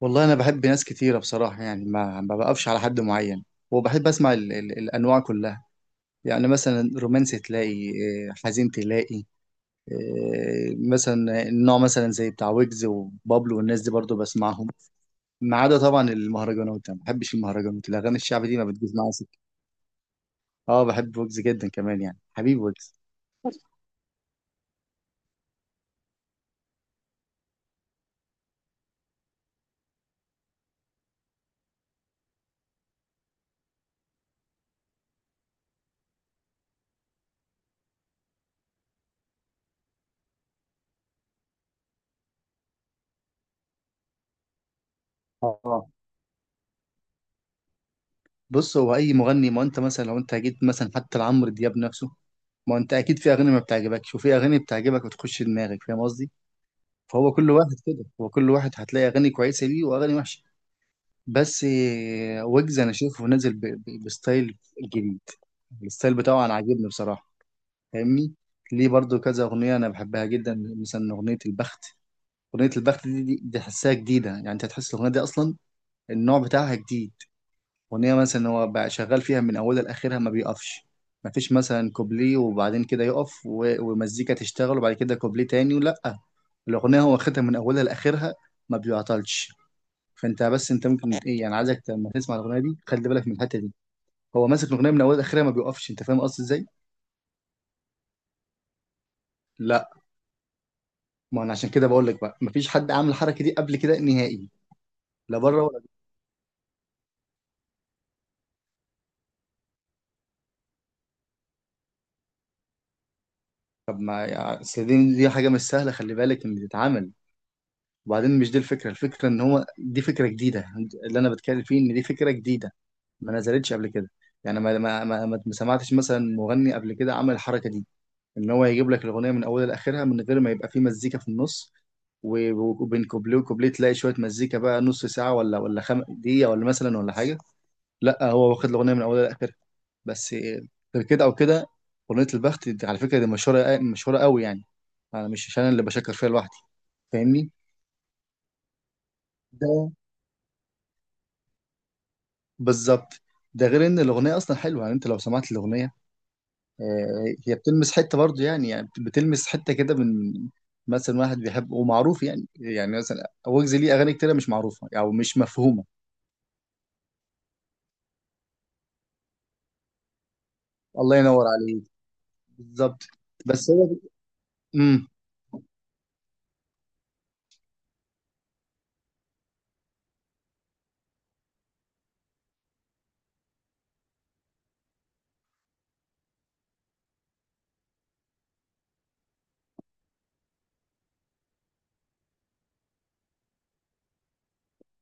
والله، انا بحب ناس كتيره بصراحه، يعني ما بقفش على حد معين. وبحب اسمع ال ال الانواع كلها. يعني مثلا رومانسي تلاقي، حزين تلاقي، مثلا النوع، مثلا زي بتاع ويجز وبابلو والناس دي برضو بسمعهم، ما عدا طبعا المهرجانات. انا ما بحبش المهرجانات، الاغاني الشعبي دي ما بتجيش معايا سكه. اه، بحب ويجز جدا كمان، يعني حبيب ويجز. اه، بص، هو اي مغني، ما انت مثلا لو انت جيت مثلا حتى لعمرو دياب نفسه، ما انت اكيد في اغاني ما بتعجبكش وفي اغاني بتعجبك وتخش دماغك، فاهم قصدي؟ فهو كل واحد كده، هو كل واحد هتلاقي اغاني كويسه ليه واغاني وحشه. بس ويجز انا شايفه نازل بستايل جديد. الستايل بتاعه انا عاجبني بصراحه، فاهمني؟ ليه برضو كذا اغنيه انا بحبها جدا، مثلا اغنيه البخت. اغنيه البخت دي، دي تحسها جديده، يعني انت هتحس الاغنيه دي اصلا النوع بتاعها جديد. أغنية مثلا هو بقى شغال فيها من أولها لآخرها، ما بيقفش. ما فيش مثلا كوبليه وبعدين كده يقف ومزيكا تشتغل وبعد كده كوبليه تاني، لأ، الأغنية هو واخدها من أولها لآخرها، ما بيعطلش. فأنت، بس أنت ممكن إيه، يعني عايزك لما تسمع الأغنية دي خلي بالك من الحتة دي، هو ماسك الأغنية من أولها لآخرها ما بيقفش، أنت فاهم قصدي إزاي؟ لأ، ما أنا عشان كده بقول لك بقى، ما فيش حد عامل الحركة دي قبل كده نهائي، لا بره ولا جوه. طب ما يعني، أصل دي حاجة مش سهلة، خلي بالك إن تتعمل. وبعدين مش دي الفكرة، الفكرة ان هو دي فكرة جديدة، اللي انا بتكلم فيه ان دي فكرة جديدة، ما نزلتش قبل كده. يعني ما سمعتش مثلا مغني قبل كده عمل الحركة دي، ان هو يجيب لك الأغنية من اولها لاخرها من غير ما يبقى فيه مزيكا في النص، و- وبين كوبليه وكوبليه تلاقي شوية مزيكا بقى نص ساعة، ولا دقيقة ولا مثلا ولا حاجة، لا، هو واخد الأغنية من اولها لاخرها بس، غير كده او كده. أغنية البخت دي على فكرة دي مشهورة مشهورة قوي يعني، انا مش انا اللي بشكر فيها لوحدي، فاهمني؟ ده بالظبط. ده غير ان الاغنيه اصلا حلوه، يعني انت لو سمعت الاغنيه، هي بتلمس حته برضو، يعني بتلمس حته كده من مثلا واحد بيحب ومعروف، يعني مثلا ويجز ليه اغاني كتيره مش معروفه او يعني مش مفهومه. الله ينور عليك، بالظبط. بس امم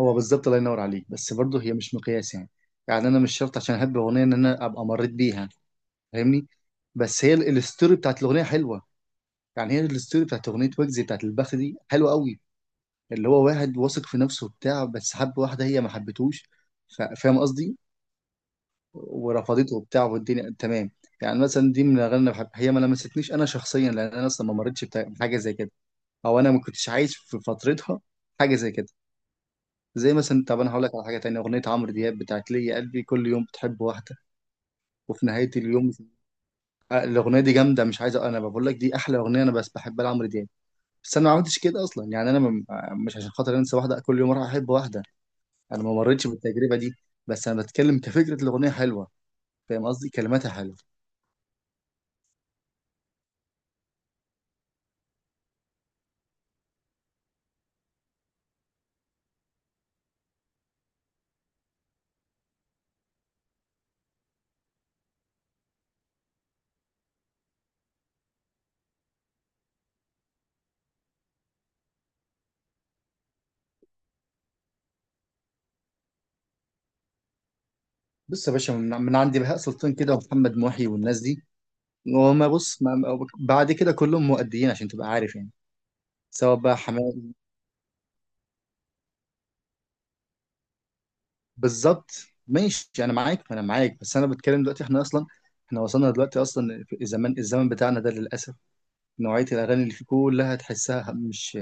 هو بالظبط الله ينور عليك، بس برضو هي مش مقياس يعني. يعني انا مش شرط عشان احب اغنيه ان انا ابقى مريت بيها، فاهمني؟ بس هي الستوري بتاعت الاغنيه حلوه، يعني هي الستوري بتاعت اغنيه ويجز بتاعت البخت دي حلوه قوي، اللي هو واحد واثق في نفسه وبتاع، بس حب واحدة هي ما حبتهوش، فاهم قصدي، ورفضته وبتاع والدنيا تمام. يعني مثلا دي من الأغاني اللي بحب، هي ما لمستنيش أنا شخصيا لأن أنا أصلا ما مريتش بحاجة زي كده، أو أنا ما كنتش عايش في فترتها حاجة زي كده. زي مثلا، طب أنا هقول لك على حاجة تانية، أغنية عمرو دياب بتاعت ليه يا قلبي كل يوم بتحب واحدة، وفي نهاية اليوم، الأغنية دي جامدة، مش عايز، أنا بقول لك دي أحلى أغنية أنا بس بحبها لعمرو دياب، بس أنا ما عملتش كده أصلا، يعني أنا مش عشان خاطر أنسى واحدة كل يوم أروح أحب واحدة. انا ما مريتش بالتجربه دي، بس انا بتكلم كفكره، الاغنيه حلوه، فاهم قصدي، كلماتها حلوه. بص يا باشا، من عند بهاء سلطان كده ومحمد محي والناس دي، وما بص، بعد كده كلهم مؤديين، عشان تبقى عارف يعني، سواء بقى حماقي، بالظبط. ماشي، انا معاك انا معاك، بس انا بتكلم دلوقتي، احنا اصلا احنا وصلنا دلوقتي اصلا في الزمان الزمن بتاعنا ده للاسف، نوعيه الاغاني اللي فيه كلها تحسها مش،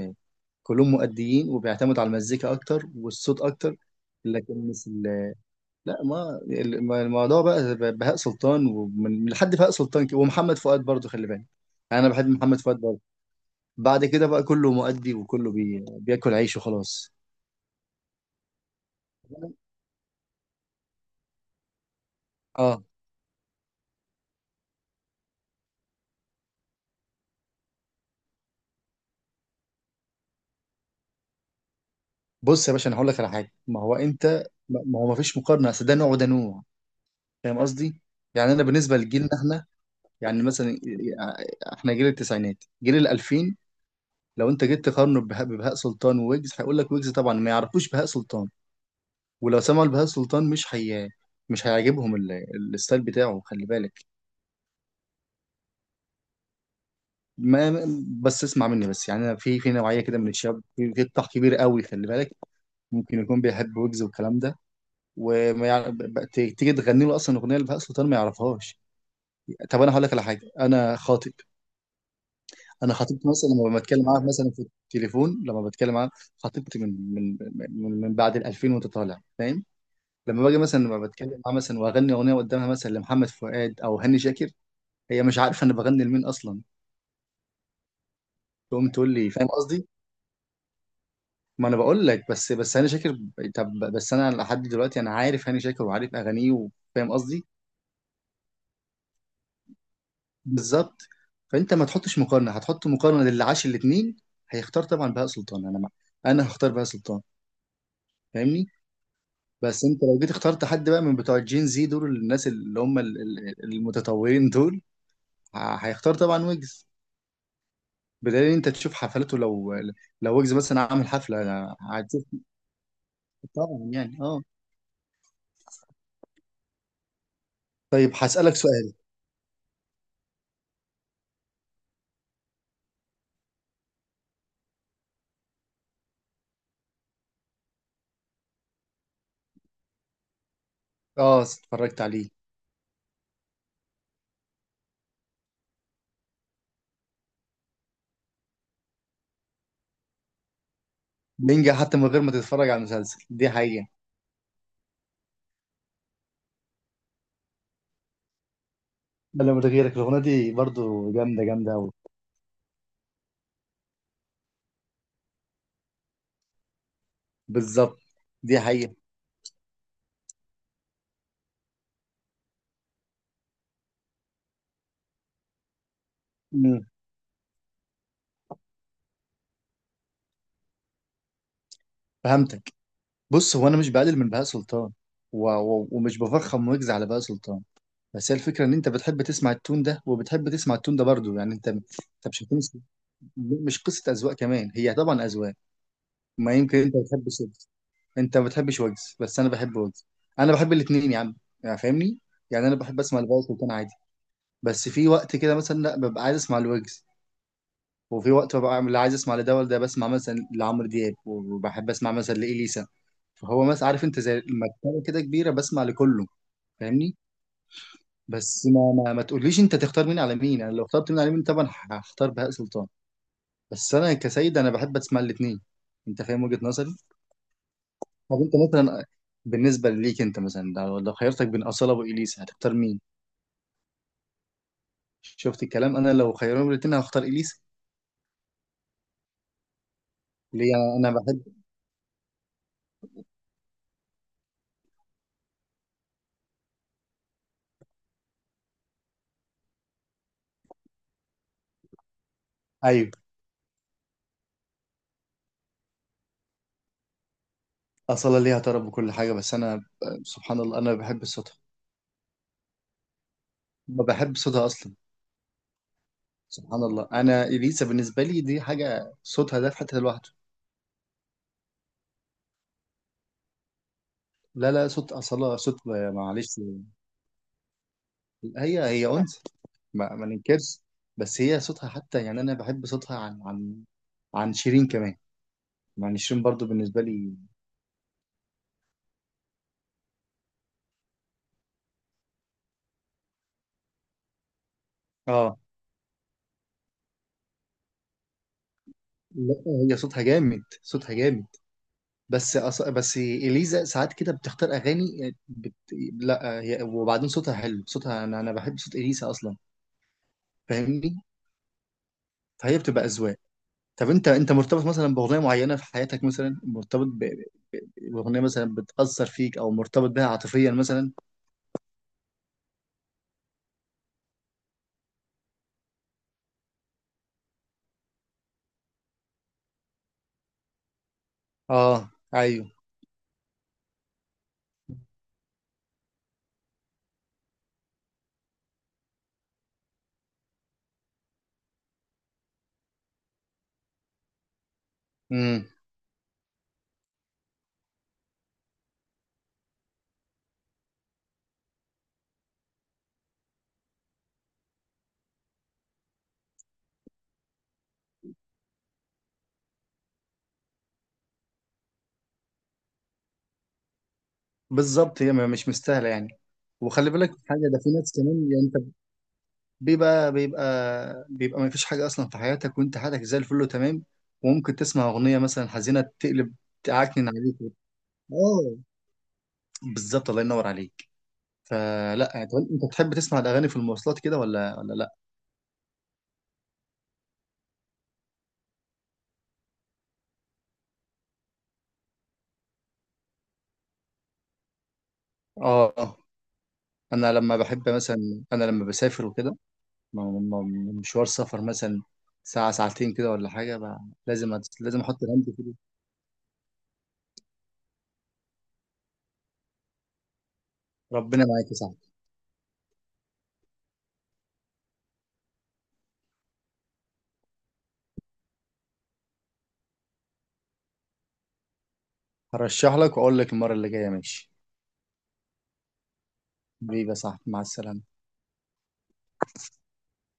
كلهم مؤديين وبيعتمدوا على المزيكا اكتر والصوت اكتر، لكن، لا، ما الموضوع بقى بهاء سلطان، ومن لحد بهاء سلطان كده ومحمد فؤاد برضه، خلي بالك، يعني انا بحب محمد فؤاد برضه. بعد كده بقى كله مؤدي وكله بياكل عيش وخلاص. اه، بص يا باشا، انا هقول لك على حاجه، ما هو انت ما هو ما فيش مقارنه، اصل ده نوع وده نوع، فاهم قصدي؟ يعني انا بالنسبه لجيلنا احنا، يعني مثلا احنا جيل التسعينات، جيل ال 2000، لو انت جيت تقارنه ببهاء سلطان وويجز، هيقول لك ويجز طبعا، ما يعرفوش بهاء سلطان، ولو سمعوا البهاء سلطان مش هيعجبهم الستايل بتاعه، خلي بالك. ما بس اسمع مني بس، يعني انا في نوعيه كده من الشباب، في قطاع كبير قوي، خلي بالك، ممكن يكون بيحب ويجز والكلام ده، وما يع... ب- ب- ت- تيجي تغني له اصلا اغنيه لبهاء سلطان ما يعرفهاش. طب انا هقول لك على حاجه، انا خاطب، انا خطيبتي مثلا لما بتكلم معاها مثلا في التليفون لما بتكلم معاها، خطيبتي من بعد ال 2000 وانت طالع فاهم. لما باجي مثلا لما بتكلم معاها مثلا واغني اغنيه قدامها مثلا لمحمد فؤاد او هاني شاكر، هي مش عارفه انا بغني لمين اصلا، تقوم تقول لي، فاهم قصدي؟ ما انا بقول لك، بس هاني شاكر، طب بس انا لحد دلوقتي انا عارف هاني شاكر وعارف اغانيه وفاهم قصدي، بالظبط. فانت ما تحطش مقارنه، هتحط مقارنه للي عاش الاثنين، هيختار طبعا بهاء سلطان، انا هختار بهاء سلطان، فاهمني؟ بس انت لو جيت اخترت حد بقى من بتوع الجين زي دول، الناس اللي هم المتطورين دول، هيختار طبعا ويجز، بدليل إن انت تشوف حفلاته، لو ويجز مثلا عامل حفله هتشوف، طبعا يعني، اه. طيب هسألك سؤال. اه، اتفرجت عليه. نينجا، حتى من غير ما تتفرج على المسلسل، دي حقيقة. ولا من غيرك، الأغنية دي برضو جامدة جامدة أوي، بالظبط. دي حقيقة. مم. فهمتك. بص، هو أنا مش بقلل من بهاء سلطان ومش بفخم ويجز على بهاء سلطان، بس هي الفكرة إن أنت بتحب تسمع التون ده وبتحب تسمع التون ده برضو، يعني أنت أنت مش هتمس... مش قصة أذواق، كمان هي طبعا أذواق. ما يمكن أنت بتحب، انت ما بتحبش ويجز بس انا بحب ويجز، انا بحب الاثنين يا عم، يعني فاهمني، يعني انا بحب اسمع الفايس والتاني عادي، بس في وقت كده مثلا لا ببقى عايز اسمع الويجز، وفي وقت ببقى لا عايز اسمع لده ولا ده، بسمع مثلا لعمرو دياب وبحب اسمع مثلا لإليسا. فهو مثلا، عارف، انت زي المكتبه كده كبيره، بسمع لكله، فاهمني؟ بس ما تقوليش انت تختار مين على مين، انا لو اخترت مين على مين طبعا هختار بهاء سلطان، بس انا كسيد انا بحب اسمع الاثنين، انت فاهم وجهة نظري؟ طب انت مثلا، بالنسبه ليك انت مثلا لو خيرتك بين اصاله واليسا هتختار مين؟ شفت الكلام، انا لو خيروني الاثنين هختار اليسا. ليه؟ انا بحب. ايوه. اصاله ليها طرب وكل حاجه، بس انا، سبحان الله، انا بحب صوتها. ما بحب صوتها اصلا. سبحان الله، انا اليسا بالنسبه لي دي حاجه، صوتها ده في حته لوحده. لا لا، صوت اصاله، صوت، معلش. هي هي انثى، ما ننكرش، بس هي صوتها حتى، يعني انا بحب صوتها عن شيرين كمان، يعني شيرين برضو بالنسبه لي، اه. لا، هي صوتها جامد، صوتها جامد، بس اليزا ساعات كده بتختار اغاني، لا، هي وبعدين صوتها حلو، صوتها انا بحب صوت اليزا اصلا، فاهمني؟ فهي بتبقى اذواق. طب انت مرتبط مثلا باغنيه معينه في حياتك، مثلا مرتبط باغنيه مثلا بتاثر فيك او مرتبط بها عاطفيا مثلا؟ اه، ايوه. امم. بالظبط. هي مش مستاهله يعني. وخلي بالك حاجه، ده في ناس كمان، يعني انت، بيبقى بيبقى بيبقى ما فيش حاجة أصلا في حياتك وأنت حياتك زي الفل وتمام، وممكن تسمع أغنية مثلا حزينة تقلب، تعكنن عليك. آه، بالظبط الله ينور عليك، فلا يعني. طب أنت بتحب تسمع الأغاني في المواصلات كده ولا لا؟ آه. أنا لما بحب مثلا، أنا لما بسافر وكده، مشوار سفر مثلا، ساعة ساعتين كده ولا حاجة بقى، لازم أحط الهاند فري. ربنا معاك يا صاحبي. هرشح لك وأقول لك المرة اللي جاية، ماشي. حبيبي يا صاحبي، مع السلامة.